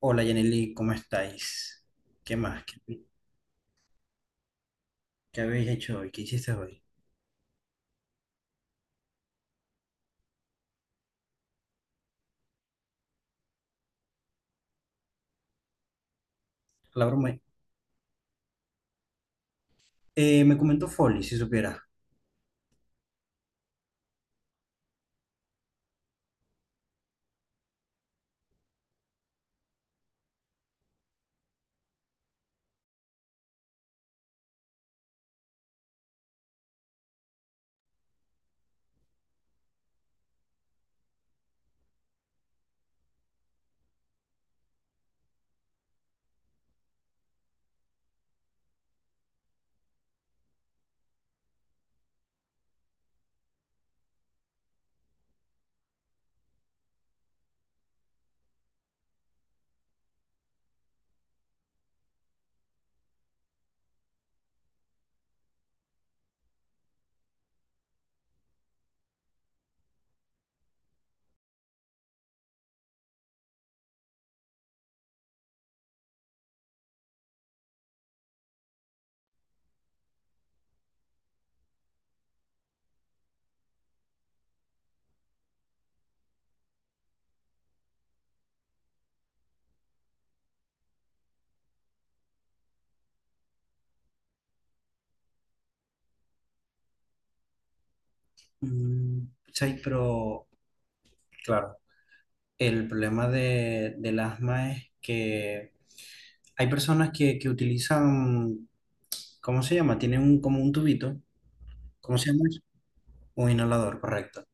Hola Yaneli, ¿cómo estáis? ¿Qué más? ¿Qué habéis hecho hoy? ¿Qué hiciste hoy? La broma. Me comentó Folly, si supiera. Mm, sí, pero claro, el problema del asma es que hay personas que utilizan, ¿cómo se llama? Tienen un, como un tubito, ¿cómo se llama eso? Un inhalador, correcto.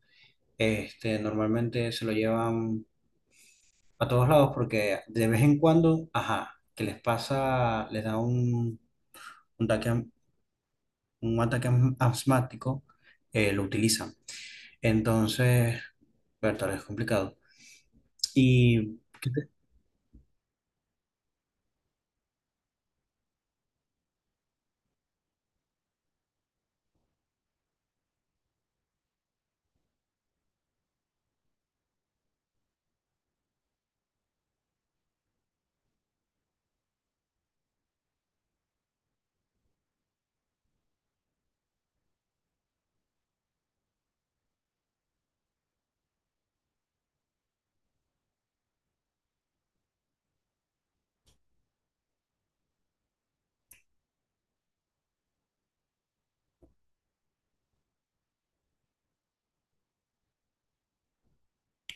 Este, normalmente se lo llevan a todos lados porque de vez en cuando, ajá, que les pasa, les da un ataque, un ataque asmático, lo utilizan. Entonces, verdad, es complicado. Y,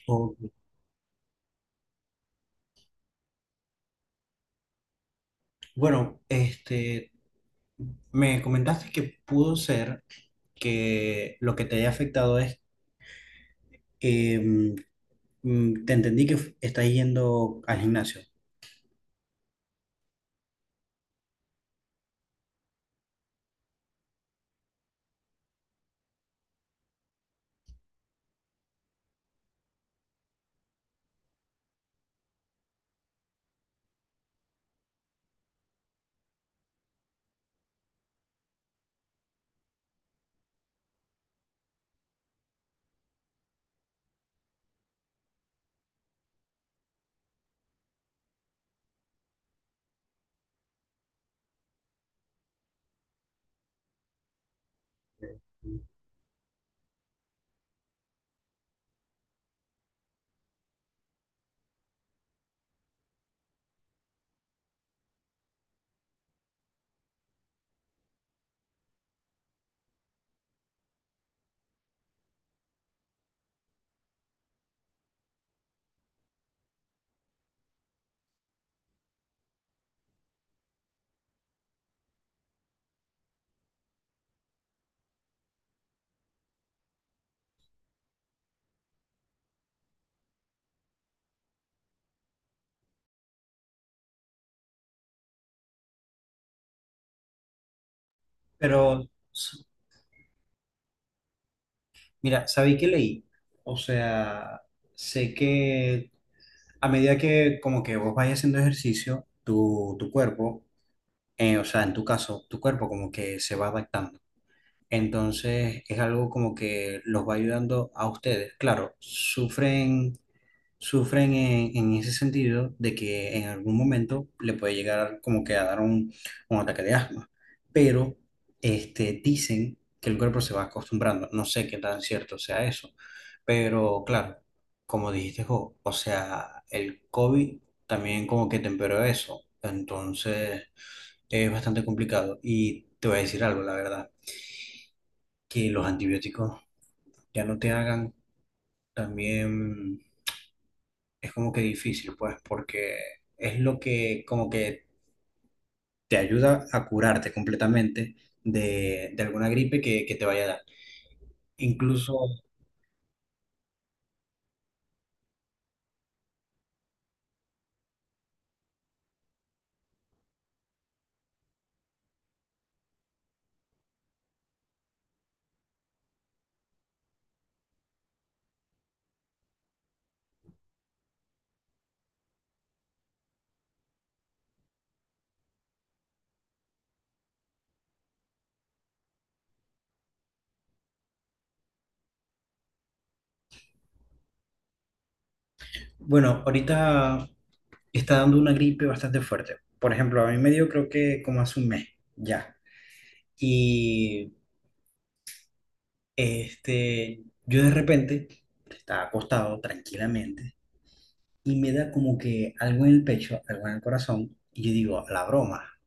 o- bueno, este, me comentaste que pudo ser que lo que te haya afectado es, eh, mm, te entendí que estás yendo al gimnasio, pero, s- mira, ¿sabéis qué leí? O sea, sé que a medida que como que vos vayas haciendo ejercicio, tu cuerpo o sea, en tu caso, tu cuerpo como que se va adaptando. Entonces es algo como que los va ayudando a ustedes. Claro, sufren, sufren en ese sentido de que en algún momento le puede llegar como que a dar un ataque de asma, pero este, dicen que el cuerpo se va acostumbrando. No sé qué tan cierto sea eso, pero claro, como dijiste, Jo, o sea, el COVID también como que temperó eso. Entonces... Es bastante complicado y te voy a decir algo, la verdad, que los antibióticos ya no te hagan, también es como que difícil, pues, porque es lo que como que te ayuda a curarte completamente de alguna gripe que te vaya a dar. Incluso, bueno, ahorita está dando una gripe bastante fuerte. Por ejemplo, a mí me dio creo que como hace un mes ya. Y este, yo de repente estaba acostado tranquilamente y me da como que algo en el pecho, algo en el corazón, y yo digo, la broma,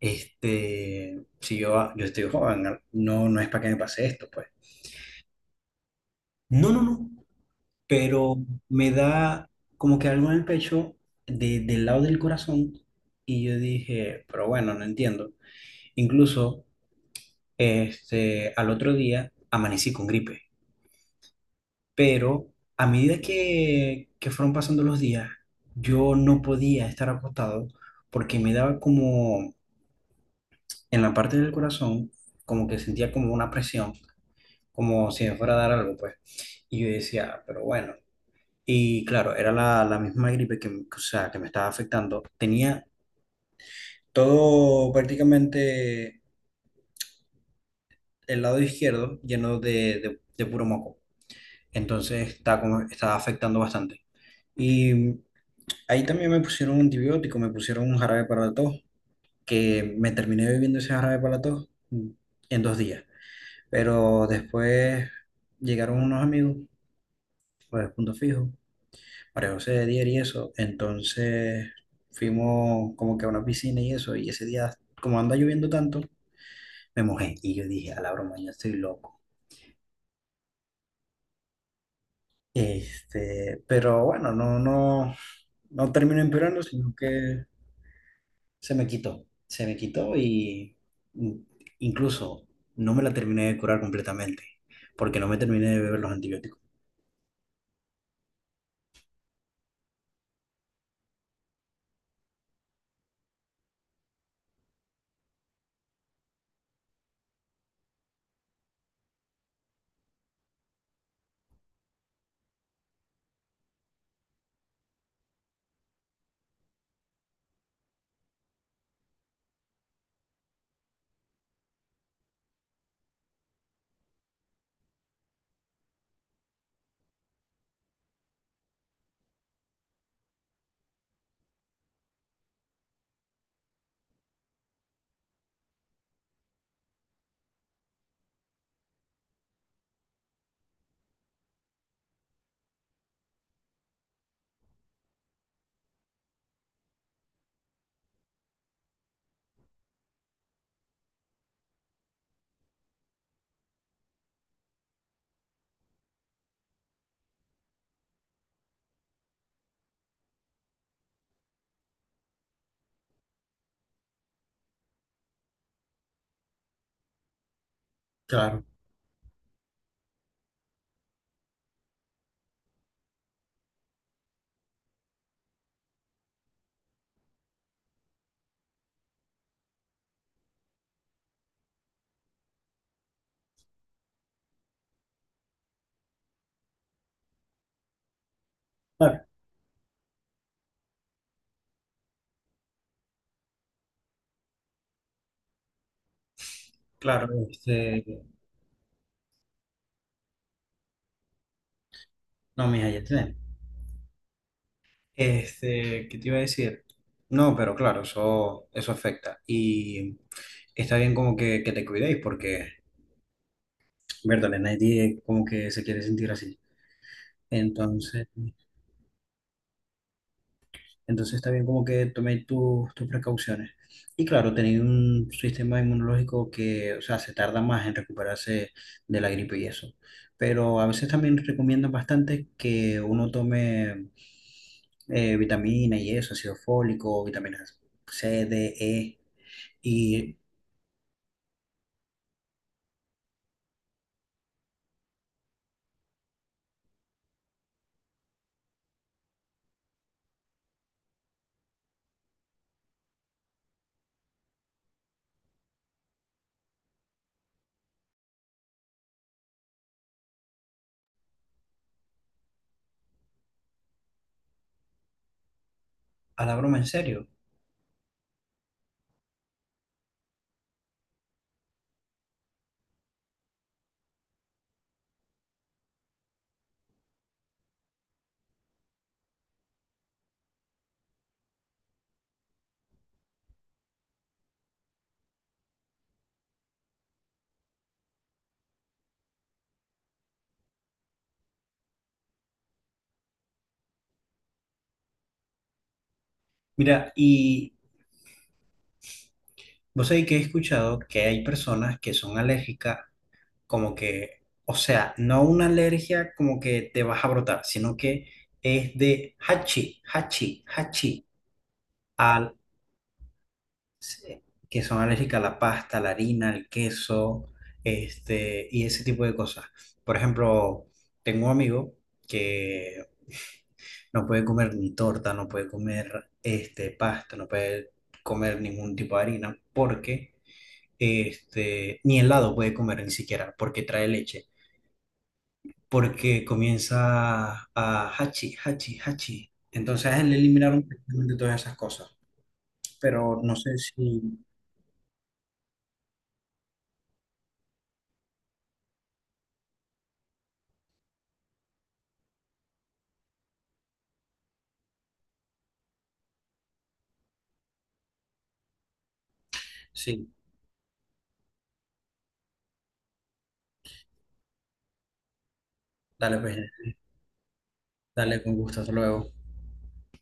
este, si yo, yo estoy joven, no es para que me pase esto, pues. No, no, no, pero me da como que algo en el pecho, del lado del corazón, y yo dije, pero bueno, no entiendo. Incluso, este, al otro día amanecí con gripe, pero a medida que fueron pasando los días, yo no podía estar acostado porque me daba como en la parte del corazón, como que sentía como una presión, como si me fuera a dar algo, pues. Y yo decía, "Ah, pero bueno". Y claro, era la misma gripe o sea, que me estaba afectando. Tenía todo prácticamente el lado izquierdo lleno de puro moco. Estaba afectando bastante. Y ahí también me pusieron un antibiótico, me pusieron un jarabe para la tos, que me terminé bebiendo ese jarabe para la tos en dos días. Pero después llegaron unos amigos, los de Punto Fijo, María José de Dier y eso. Entonces fuimos como que a una piscina y eso. Y ese día, como anda lloviendo tanto, me mojé. Y yo dije, a la broma, yo estoy loco. Este, pero bueno, no, no, no terminó empeorando, sino que se me quitó. Se me quitó y in- incluso no me la terminé de curar completamente, porque no me terminé de beber los antibióticos. Claro, claro, claro, este, no, mija, ya tenemos. Este, ¿qué te iba a decir? No, pero claro, eso afecta. Y está bien como que te cuidéis porque, verdad, nadie como que se quiere sentir así. Entonces, entonces también como que tomé tus precauciones. Y claro, tener un sistema inmunológico que, o sea, se tarda más en recuperarse de la gripe y eso. Pero a veces también recomiendan bastante que uno tome vitamina y eso, ácido fólico, vitaminas C, D, E. Y a la broma, en serio. Mira, y vos sabés que he escuchado que hay personas que son alérgicas como que, o sea, no una alergia como que te vas a brotar, sino que es de hachi, hachi, hachi, al, se- que son alérgicas a la pasta, a la harina, el queso, este, y ese tipo de cosas. Por ejemplo, tengo un amigo que no puede comer ni torta, no puede comer este, pasta, no puede comer ningún tipo de harina, porque este, ni helado puede comer ni siquiera, porque trae leche. Porque comienza a hachi, hachi, hachi. Entonces a él le eliminaron prácticamente todas esas cosas. Pero no sé si... Sí, dale, pues, dale con gusto, hasta luego.